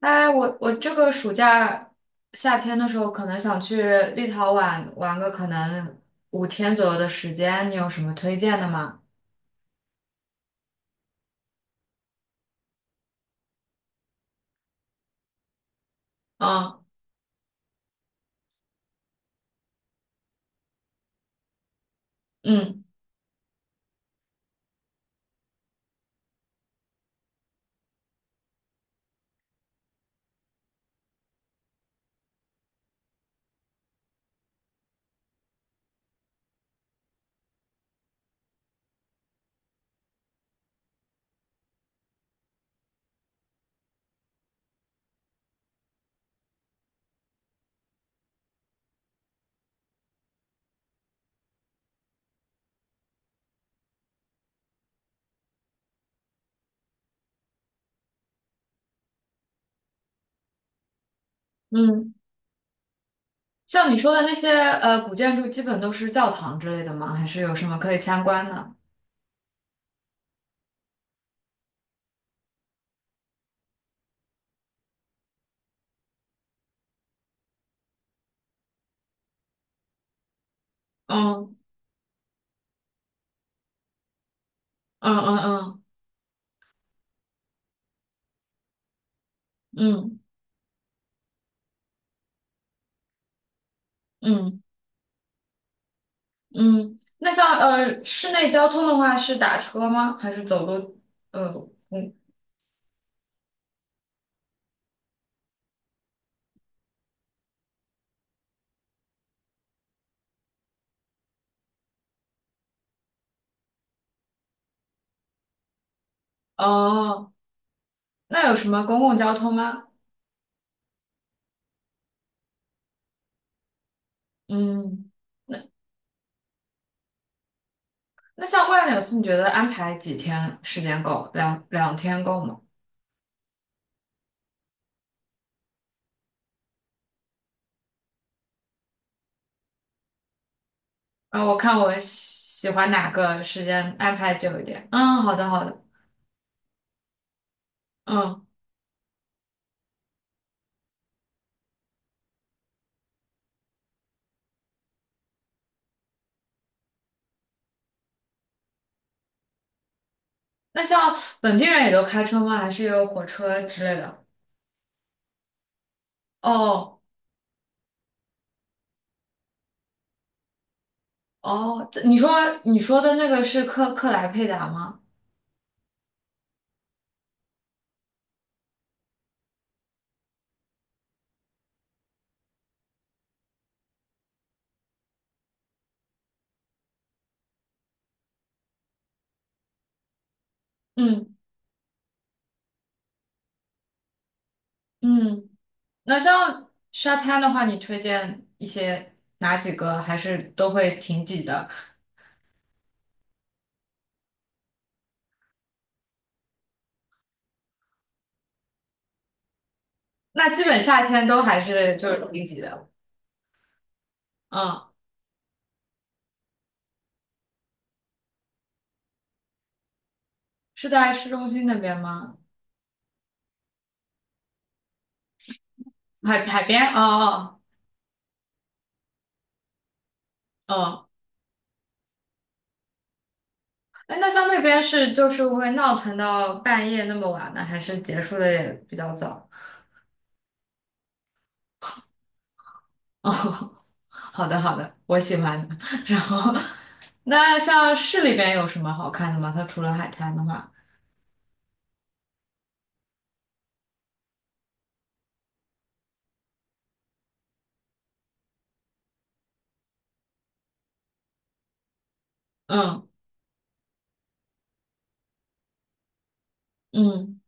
哎，我这个暑假夏天的时候，可能想去立陶宛玩个可能5天左右的时间，你有什么推荐的吗？嗯嗯嗯。像你说的那些古建筑，基本都是教堂之类的吗？还是有什么可以参观的？嗯嗯嗯嗯嗯嗯嗯。那像室内交通的话，是打车吗？还是走路？呃嗯哦，那有什么公共交通吗？嗯。那像万柳寺，你觉得安排几天时间够？两天够吗？然后我看我喜欢哪个时间安排久一点。嗯，好的好的。嗯，那像本地人也都开车吗？还是有火车之类的？哦哦，这你说的那个是克莱佩达吗？嗯嗯，那像沙滩的话，你推荐一些哪几个？还是都会挺挤的？那基本夏天都还是就是挺挤的。嗯。是在市中心那边吗？海边？哦哦哦，哎，那像那边是就是会闹腾到半夜那么晚呢，还是结束的也比较早？哦，好的好的，我喜欢的 然后，那像市里边有什么好看的吗？它除了海滩的话，嗯嗯。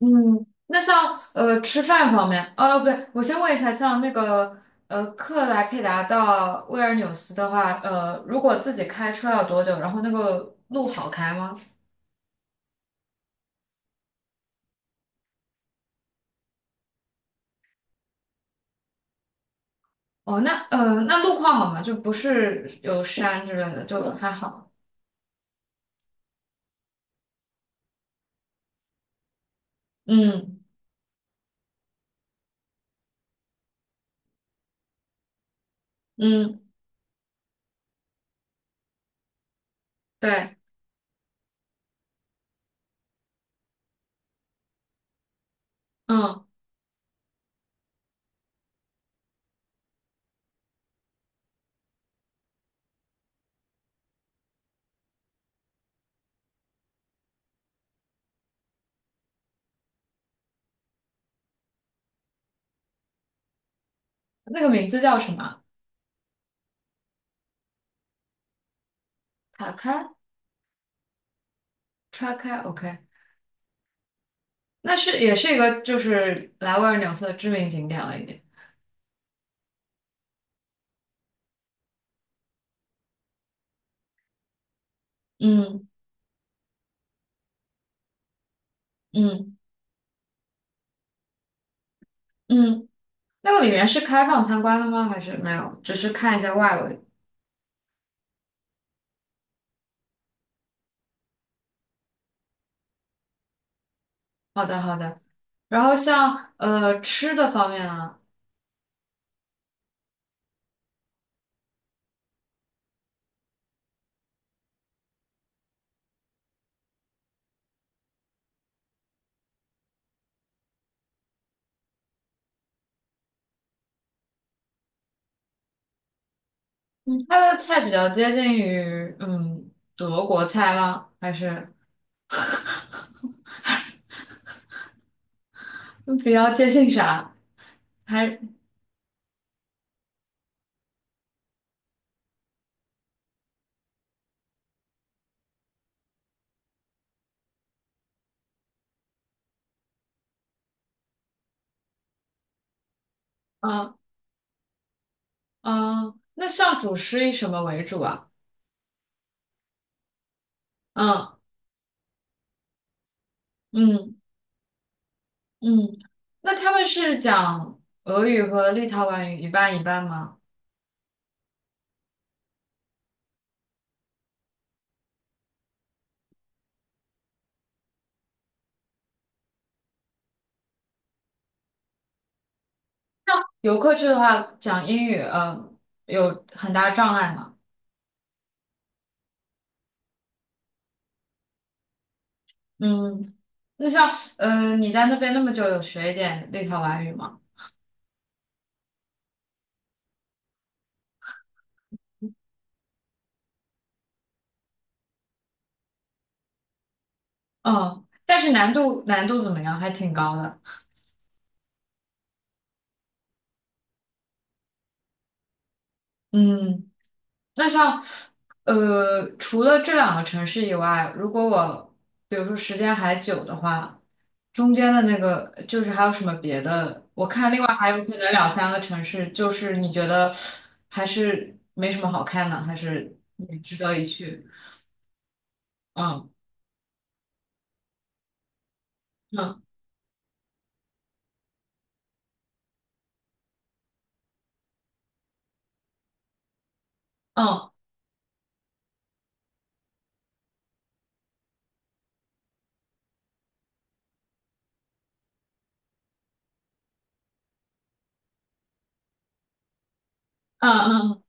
嗯，那像吃饭方面，不对，我先问一下，像那个克莱佩达到威尔纽斯的话，如果自己开车要多久？然后那个路好开吗？哦，那路况好吗？就不是有山之类的，就还好。嗯嗯，对，嗯，那个名字叫什么？塔开叉开，OK，那是也是一个就是来威尔纽斯的知名景点了，已经。嗯嗯嗯。那个里面是开放参观的吗？还是没有？只是看一下外围。好的，好的。然后像吃的方面啊，它的菜比较接近于德国菜吗？还是嗯比较接近啥？还嗯嗯，那像主食以什么为主啊？嗯嗯嗯，那他们是讲俄语和立陶宛语一半一半吗？游客去的话讲英语，有很大障碍吗？嗯。那像，你在那边那么久，有学一点立陶宛语吗？嗯，但是难度怎么样？还挺高的。嗯，那像，除了这两个城市以外，如果我比如说时间还久的话，中间的那个就是还有什么别的？我看另外还有可能两三个城市，就是你觉得还是没什么好看的，还是也值得一去？嗯嗯嗯嗯嗯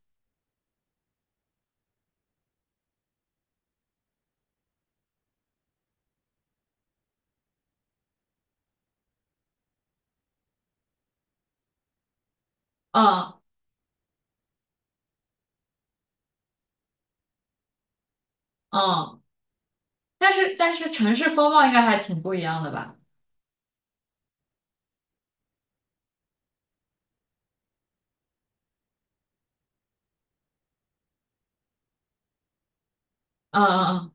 嗯嗯。嗯嗯，但是城市风貌应该还挺不一样的吧？嗯嗯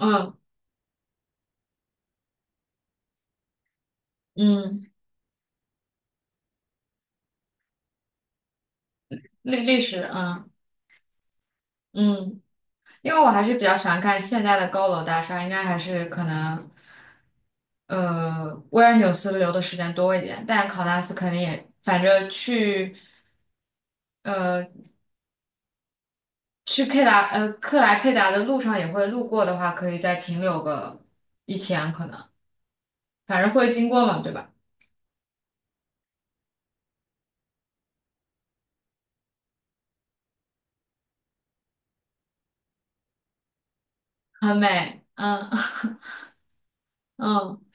嗯嗯嗯，历史，嗯嗯，因为我还是比较喜欢看现代的高楼大厦，应该还是可能维尔纽斯留的时间多一点，但考纳斯肯定也，反正呃去克莱佩达的路上也会路过的话，可以再停留个1天，可能反正会经过嘛，对吧？很美，嗯 嗯。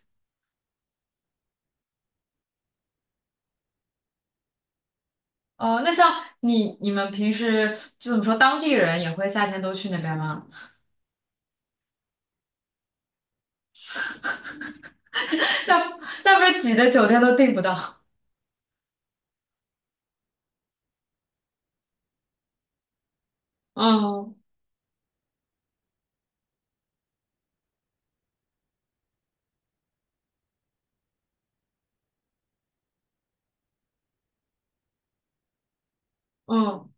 哦，那像你们平时就怎么说，当地人也会夏天都去那边吗？那那不是挤的酒店都订不到？嗯嗯，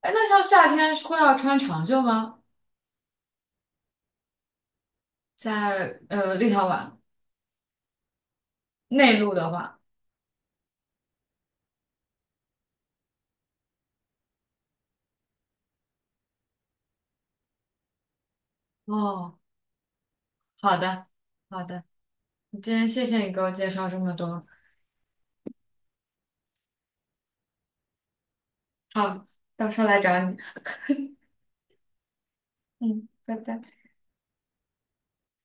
哎，那像夏天会要穿长袖吗？在立陶宛内陆的话，哦，好的好的，今天谢谢你给我介绍这么多，好，到时候来找你。嗯，拜拜。